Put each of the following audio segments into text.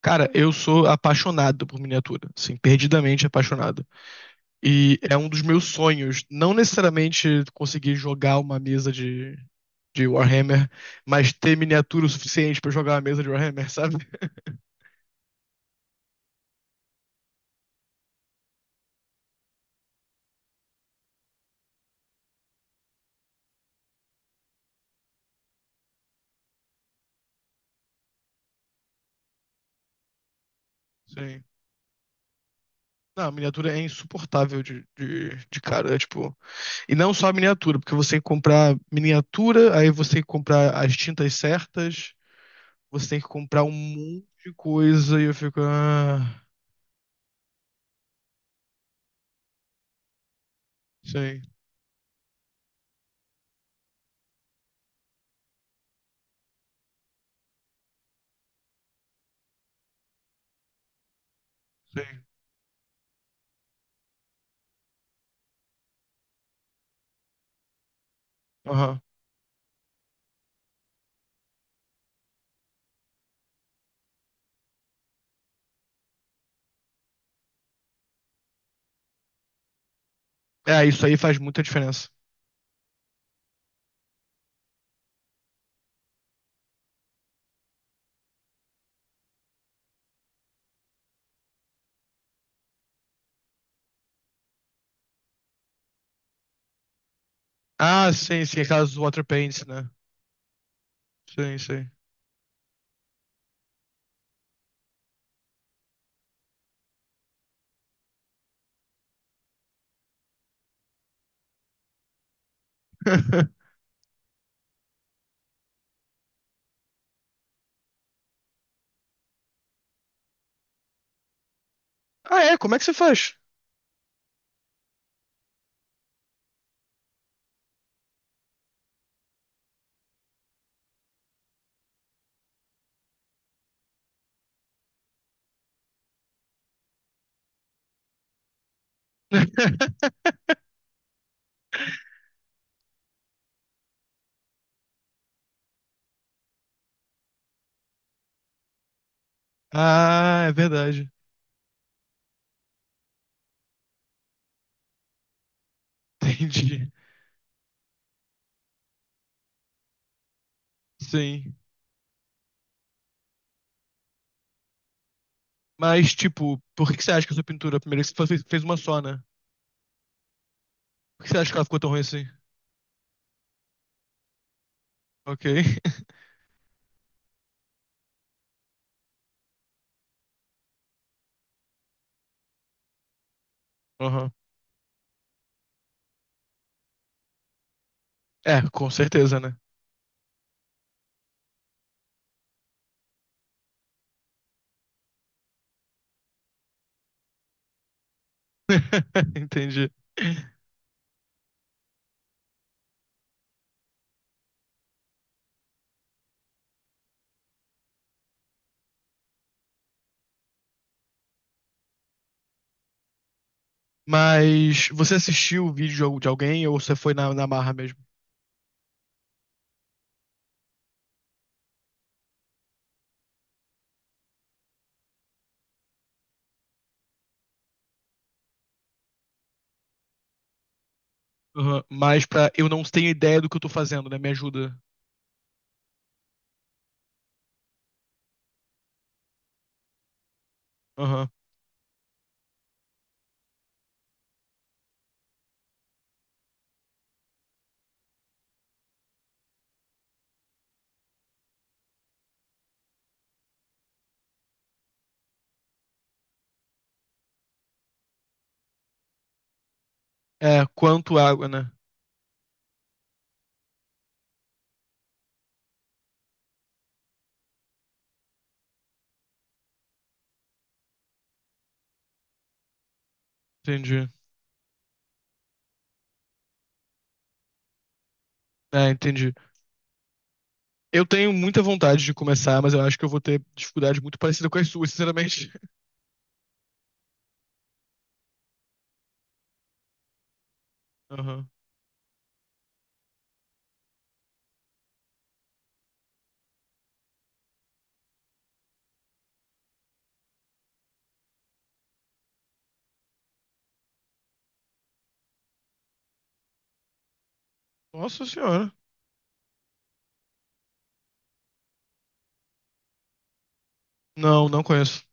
Cara, eu sou apaixonado por miniatura, assim, perdidamente apaixonado. E é um dos meus sonhos, não necessariamente conseguir jogar uma mesa de, Warhammer, mas ter miniatura o suficiente pra jogar uma mesa de Warhammer, sabe? Sim. Não, a miniatura é insuportável de cara, é tipo. E não só a miniatura, porque você tem que comprar miniatura, aí você tem que comprar as tintas certas, você tem que comprar um monte de coisa, e eu fico. Ah, sim, sim. Aham. É, isso aí faz muita diferença. Ah, sim, sim, aquelas water paints, né? Sim, sim. Ah, é? Como é que você faz? Ah, é verdade. Entendi. Sim. Mas, tipo, por que que você acha que a sua pintura, primeiro, que você fez uma só, né? Por que você acha que ela ficou tão ruim assim? Ok. Aham. É, com certeza, né? Entendi. Mas você assistiu o vídeo de alguém ou você foi na marra mesmo? Aham. Mas pra eu não tenho ideia do que eu tô fazendo, né? Me ajuda. Aham. É, quanto água, né? Entendi. É, entendi. Eu tenho muita vontade de começar, mas eu acho que eu vou ter dificuldade muito parecida com as suas, sinceramente. Aham. Nossa senhora. Não, não conheço.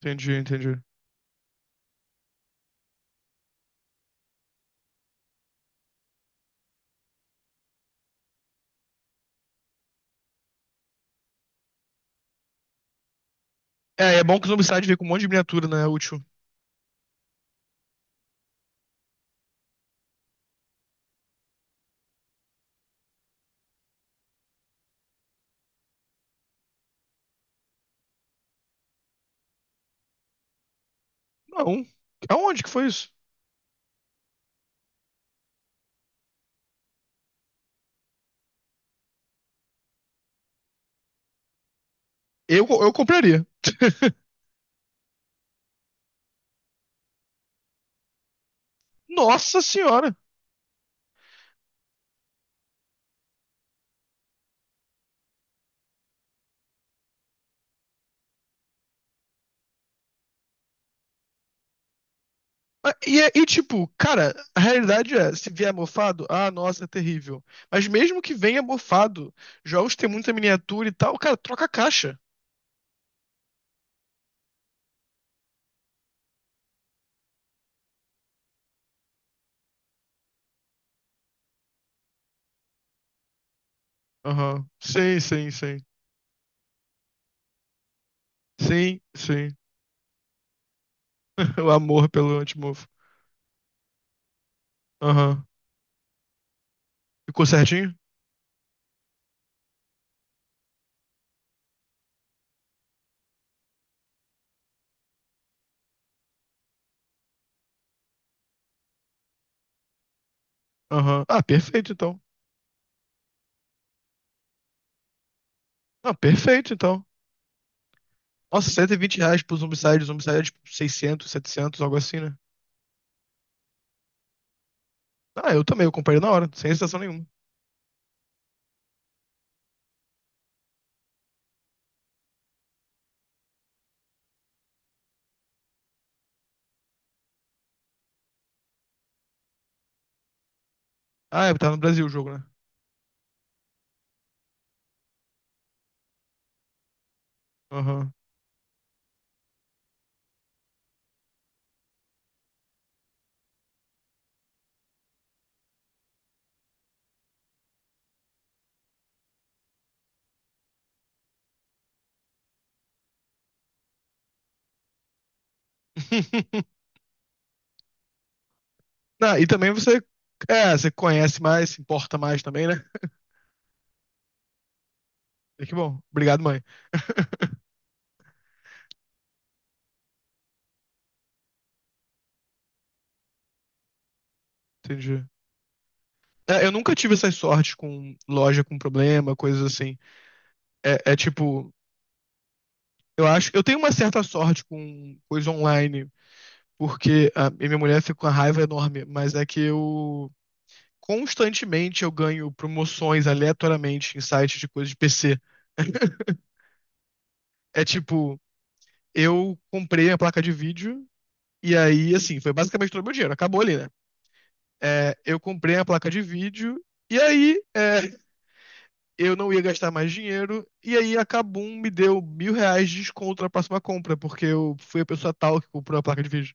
Entendi, entendi. É, é bom que o Zombicide vem com um monte de miniatura, né? É útil. Não. Aonde que foi isso? Eu compraria. Nossa senhora! Ah, e, tipo, cara, a realidade é, se vier mofado, ah, nossa, é terrível. Mas mesmo que venha mofado, jogos tem muita miniatura e tal, cara, troca a caixa. Aham. Sim, sim, sim. Sim, sim. O amor pelo antimofo. Aham. Ficou certinho? Aham. Ah, perfeito então. Ah, perfeito então. Nossa, R$ 120 pro Zombicide, Zombicide é tipo 600, 700, algo assim, né? Ah, eu também, eu comprei na hora, sem hesitação nenhuma. Ah, é, tá no Brasil o jogo, né? Aham. Ah, e também você. É, você conhece mais, se importa mais também, né? É que bom. Obrigado, mãe. Entendi. É, eu nunca tive essas sortes com loja com problema, coisas assim. É, é tipo, eu acho. Eu tenho uma certa sorte com coisa online, porque e minha mulher fica com uma raiva enorme, mas é que eu. Constantemente eu ganho promoções aleatoriamente em sites de coisas de PC. É tipo, eu comprei a placa de vídeo. E aí, assim, foi basicamente todo o meu dinheiro. Acabou ali, né? É, eu comprei a placa de vídeo. E aí, é, eu não ia gastar mais dinheiro. E aí, a Kabum me deu R$ 1.000 de desconto na próxima compra, porque eu fui a pessoa tal que comprou a placa de vídeo.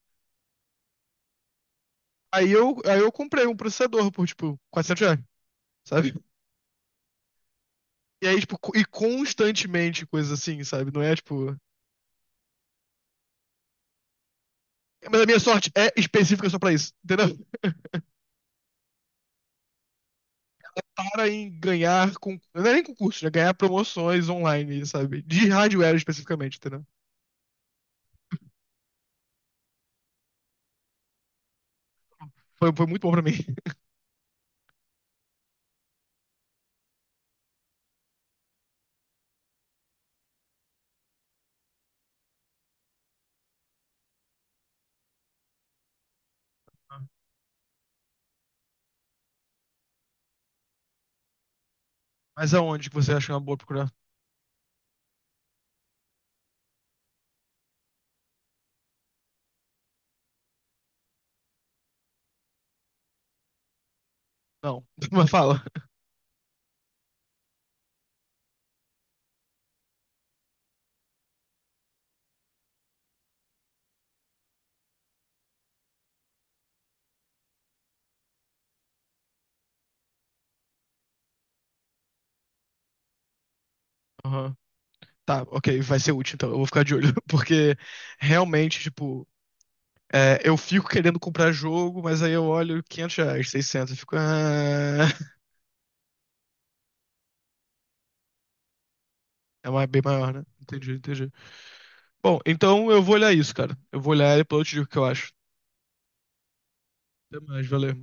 Aí eu comprei um processador por, tipo, R$ 400, sabe? E aí, tipo, e constantemente coisas assim, sabe? Não é, tipo... Mas a minha sorte é específica só pra isso, entendeu? Para em ganhar, não é nem concurso, é ganhar promoções online, sabe? De hardware especificamente, entendeu? Foi muito bom pra mim. Mas aonde que você acha uma boa procurar? Não, mas fala. Aham. Tá, ok, vai ser útil então, eu vou ficar de olho. Porque realmente, tipo, é, eu fico querendo comprar jogo, mas aí eu olho R$ 500, 600, eu fico. "Ah, é mais, bem maior, né? Entendi, entendi. Bom, então eu vou olhar isso, cara. Eu vou olhar e depois eu te digo o que eu acho. Até mais, valeu.